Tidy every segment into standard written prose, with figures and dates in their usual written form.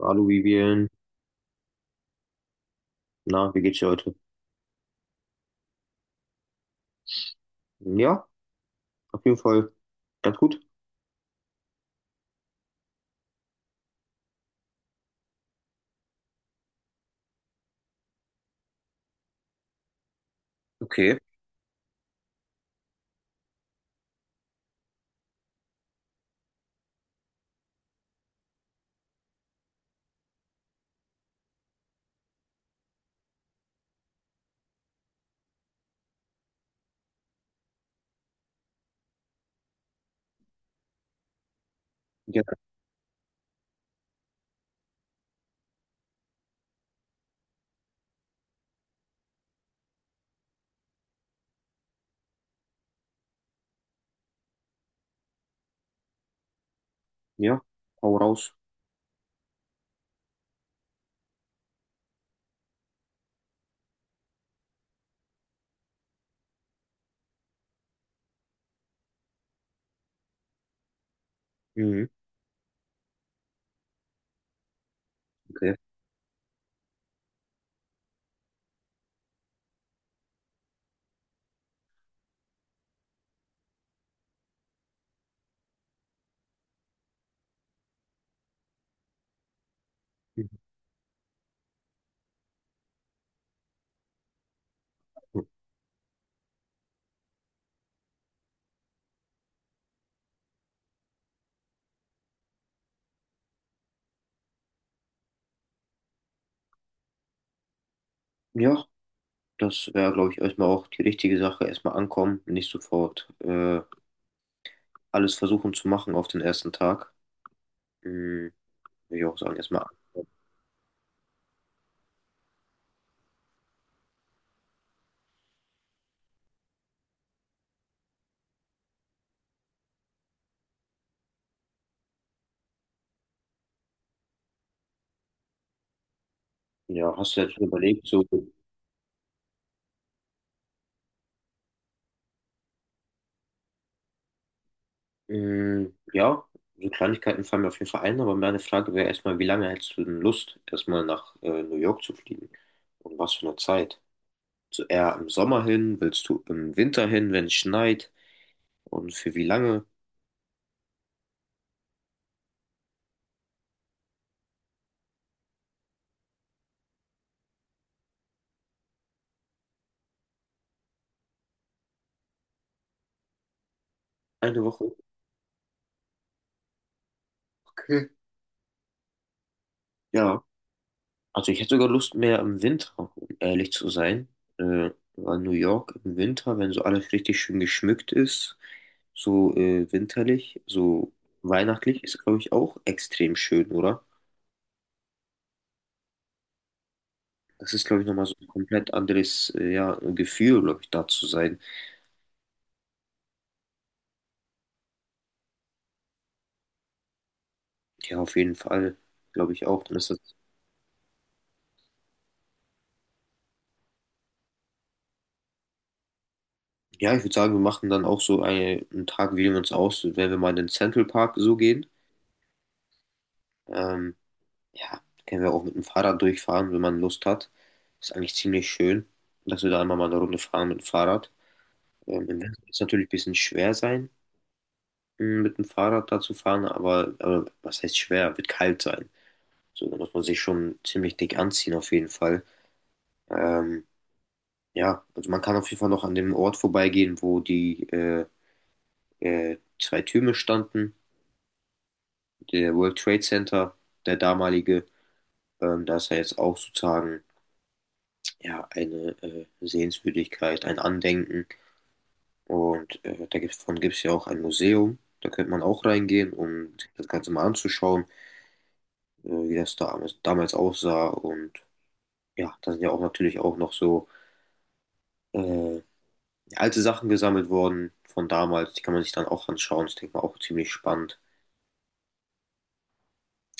Hallo Vivian, na, wie geht's dir heute? Ja, auf jeden Fall ganz gut. Okay. Ja, ja, hau raus. Mhm. Okay. Mhm. Ja, das wäre, glaube ich, erstmal auch die richtige Sache. Erstmal ankommen, nicht sofort alles versuchen zu machen auf den ersten Tag. Mhm. Würde ich auch sagen, erstmal ankommen. Ja, hast du jetzt schon überlegt, so, mhm, ja, so Kleinigkeiten fallen mir auf jeden Fall ein, aber meine Frage wäre erstmal, wie lange hättest du denn Lust, erstmal nach New York zu fliegen? Und was für eine Zeit? So eher im Sommer hin? Willst du im Winter hin, wenn es schneit? Und für wie lange? Eine Woche? Okay. Ja. Also ich hätte sogar Lust mehr im Winter, um ehrlich zu sein. Äh, Weil New York im Winter, wenn so alles richtig schön geschmückt ist, so winterlich, so weihnachtlich, ist, glaube ich, auch extrem schön, oder? Das ist, glaube ich, nochmal so ein komplett anderes ja, Gefühl, glaube ich, da zu sein. Ja, auf jeden Fall, glaube ich auch. Dann ist das ja, ich würde sagen, wir machen dann auch so eine, einen Tag, wählen wir uns aus, wenn wir mal in den Central Park so gehen. Ähm, ja, können wir auch mit dem Fahrrad durchfahren, wenn man Lust hat. Ist eigentlich ziemlich schön, dass wir da einmal mal eine Runde fahren mit dem Fahrrad. Im Winter wird es natürlich ein bisschen schwer sein, mit dem Fahrrad da zu fahren, aber was heißt schwer? Wird kalt sein. So, da muss man sich schon ziemlich dick anziehen, auf jeden Fall. Ähm, ja, also man kann auf jeden Fall noch an dem Ort vorbeigehen, wo die zwei Türme standen. Der World Trade Center, der damalige, da ist ja jetzt auch sozusagen ja, eine Sehenswürdigkeit, ein Andenken. Und davon gibt es ja auch ein Museum. Da könnte man auch reingehen, um das Ganze mal anzuschauen, wie das da damals aussah. Und ja, da sind ja auch natürlich auch noch so äh, alte Sachen gesammelt worden von damals. Die kann man sich dann auch anschauen. Das denke ich mal auch ziemlich spannend.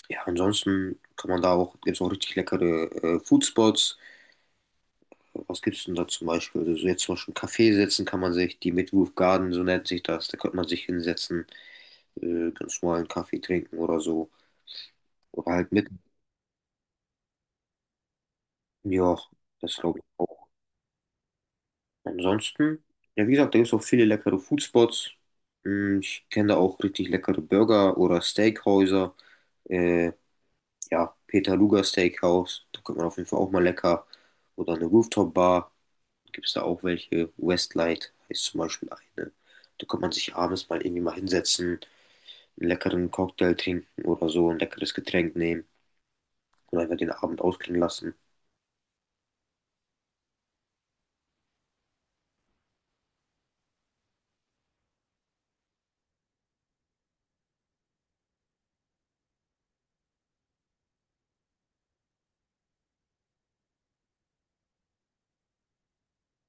Ja, ansonsten kann man da auch, gibt es auch richtig leckere Foodspots. Was gibt's denn da zum Beispiel? Also so jetzt zum Beispiel einen Kaffee setzen kann man sich, die Midwoof Garden, so nennt sich das, da könnte man sich hinsetzen, ganz normalen Kaffee trinken oder so. Oder halt mit, ja, das glaube ich auch. Ansonsten, ja wie gesagt, da gibt's auch viele leckere Foodspots. Hm, ich kenne da auch richtig leckere Burger oder Steakhäuser. Äh, ja, Peter Luger Steakhouse, da könnte man auf jeden Fall auch mal lecker. Oder eine Rooftop-Bar. Gibt es da auch welche? Westlight heißt zum Beispiel eine. Da kann man sich abends mal irgendwie mal hinsetzen, einen leckeren Cocktail trinken oder so, ein leckeres Getränk nehmen und einfach den Abend ausklingen lassen.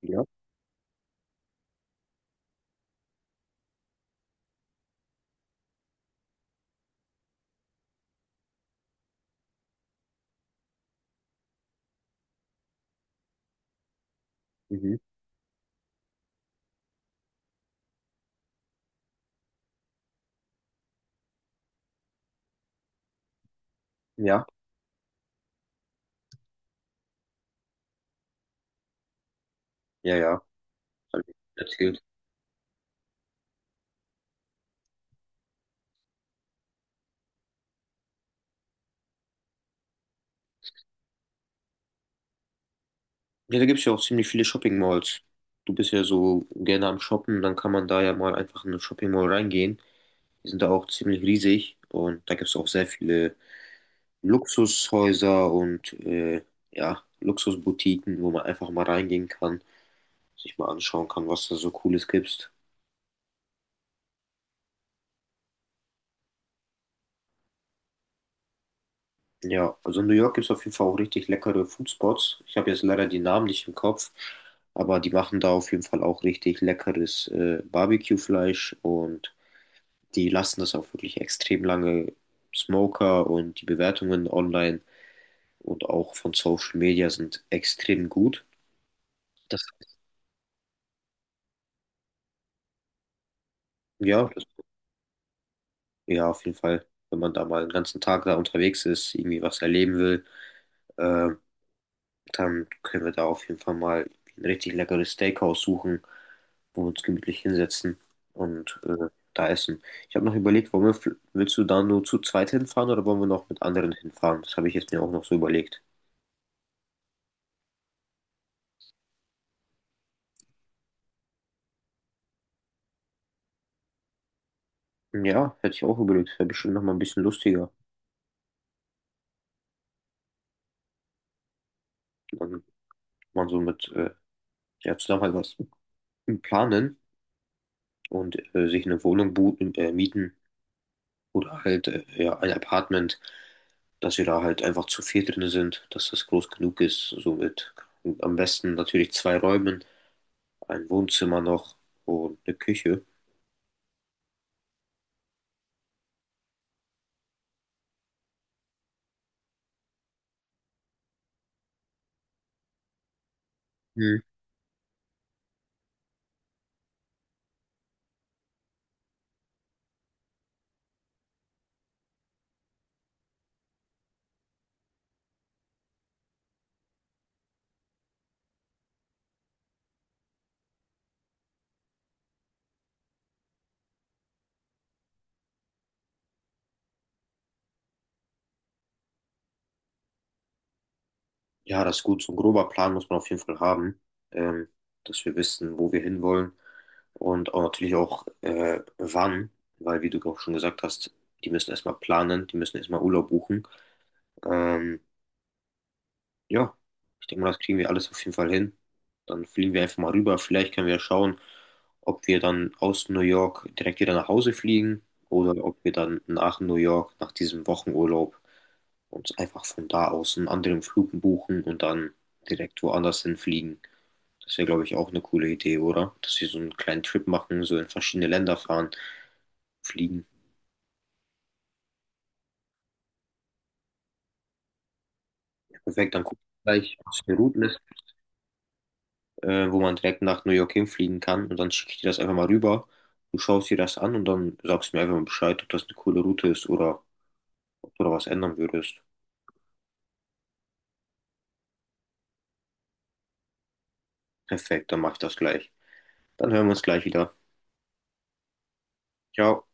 Ja. Mhm. Ja. Ja, ja. Hab ich erzählt. Ja, da gibt es ja auch ziemlich viele Shopping Malls. Du bist ja so gerne am Shoppen, dann kann man da ja mal einfach in eine Shopping Mall reingehen. Die sind da auch ziemlich riesig und da gibt es auch sehr viele Luxushäuser und ja, Luxusboutiquen, wo man einfach mal reingehen kann sich mal anschauen kann, was da so Cooles gibt. Ja, also in New York gibt es auf jeden Fall auch richtig leckere Foodspots. Ich habe jetzt leider die Namen nicht im Kopf, aber die machen da auf jeden Fall auch richtig leckeres Barbecue-Fleisch und die lassen das auch wirklich extrem lange. Smoker und die Bewertungen online und auch von Social Media sind extrem gut. Das, ja, das, ja, auf jeden Fall, wenn man da mal einen ganzen Tag da unterwegs ist, irgendwie was erleben will. Ähm, Dann können wir da auf jeden Fall mal ein richtig leckeres Steakhouse suchen, wo wir uns gemütlich hinsetzen und da essen. Ich habe noch überlegt, wollen wir, willst du da nur zu zweit hinfahren oder wollen wir noch mit anderen hinfahren? Das habe ich jetzt mir auch noch so überlegt. Ja, hätte ich auch überlegt. Wäre bestimmt noch mal ein bisschen lustiger. Dann man so mit ja, zusammen halt was planen und sich eine Wohnung mieten. Oder halt, ja, ein Apartment, dass wir da halt einfach zu viert drin sind, dass das groß genug ist. Somit am besten natürlich zwei Räumen, ein Wohnzimmer noch und eine Küche. Hm. Ja, das ist gut. So ein grober Plan muss man auf jeden Fall haben, ähm, dass wir wissen, wo wir hinwollen und auch natürlich auch wann, weil wie du auch schon gesagt hast, die müssen erstmal planen, die müssen erstmal Urlaub buchen. Ähm, Ja, ich denke mal, das kriegen wir alles auf jeden Fall hin. Dann fliegen wir einfach mal rüber. Vielleicht können wir schauen, ob wir dann aus New York direkt wieder nach Hause fliegen oder ob wir dann nach New York, nach diesem Wochenurlaub, uns einfach von da aus einen anderen Flug buchen und dann direkt woanders hinfliegen. Das wäre, glaube ich, auch eine coole Idee, oder? Dass wir so einen kleinen Trip machen, so in verschiedene Länder fahren, fliegen. Perfekt, dann gucken wir gleich, was für Routen es wo man direkt nach New York hinfliegen kann. Und dann schicke ich dir das einfach mal rüber. Du schaust dir das an und dann sagst du mir einfach mal Bescheid, ob das eine coole Route ist oder ob du da was ändern würdest. Perfekt, dann mach ich das gleich. Dann hören wir uns gleich wieder. Ciao.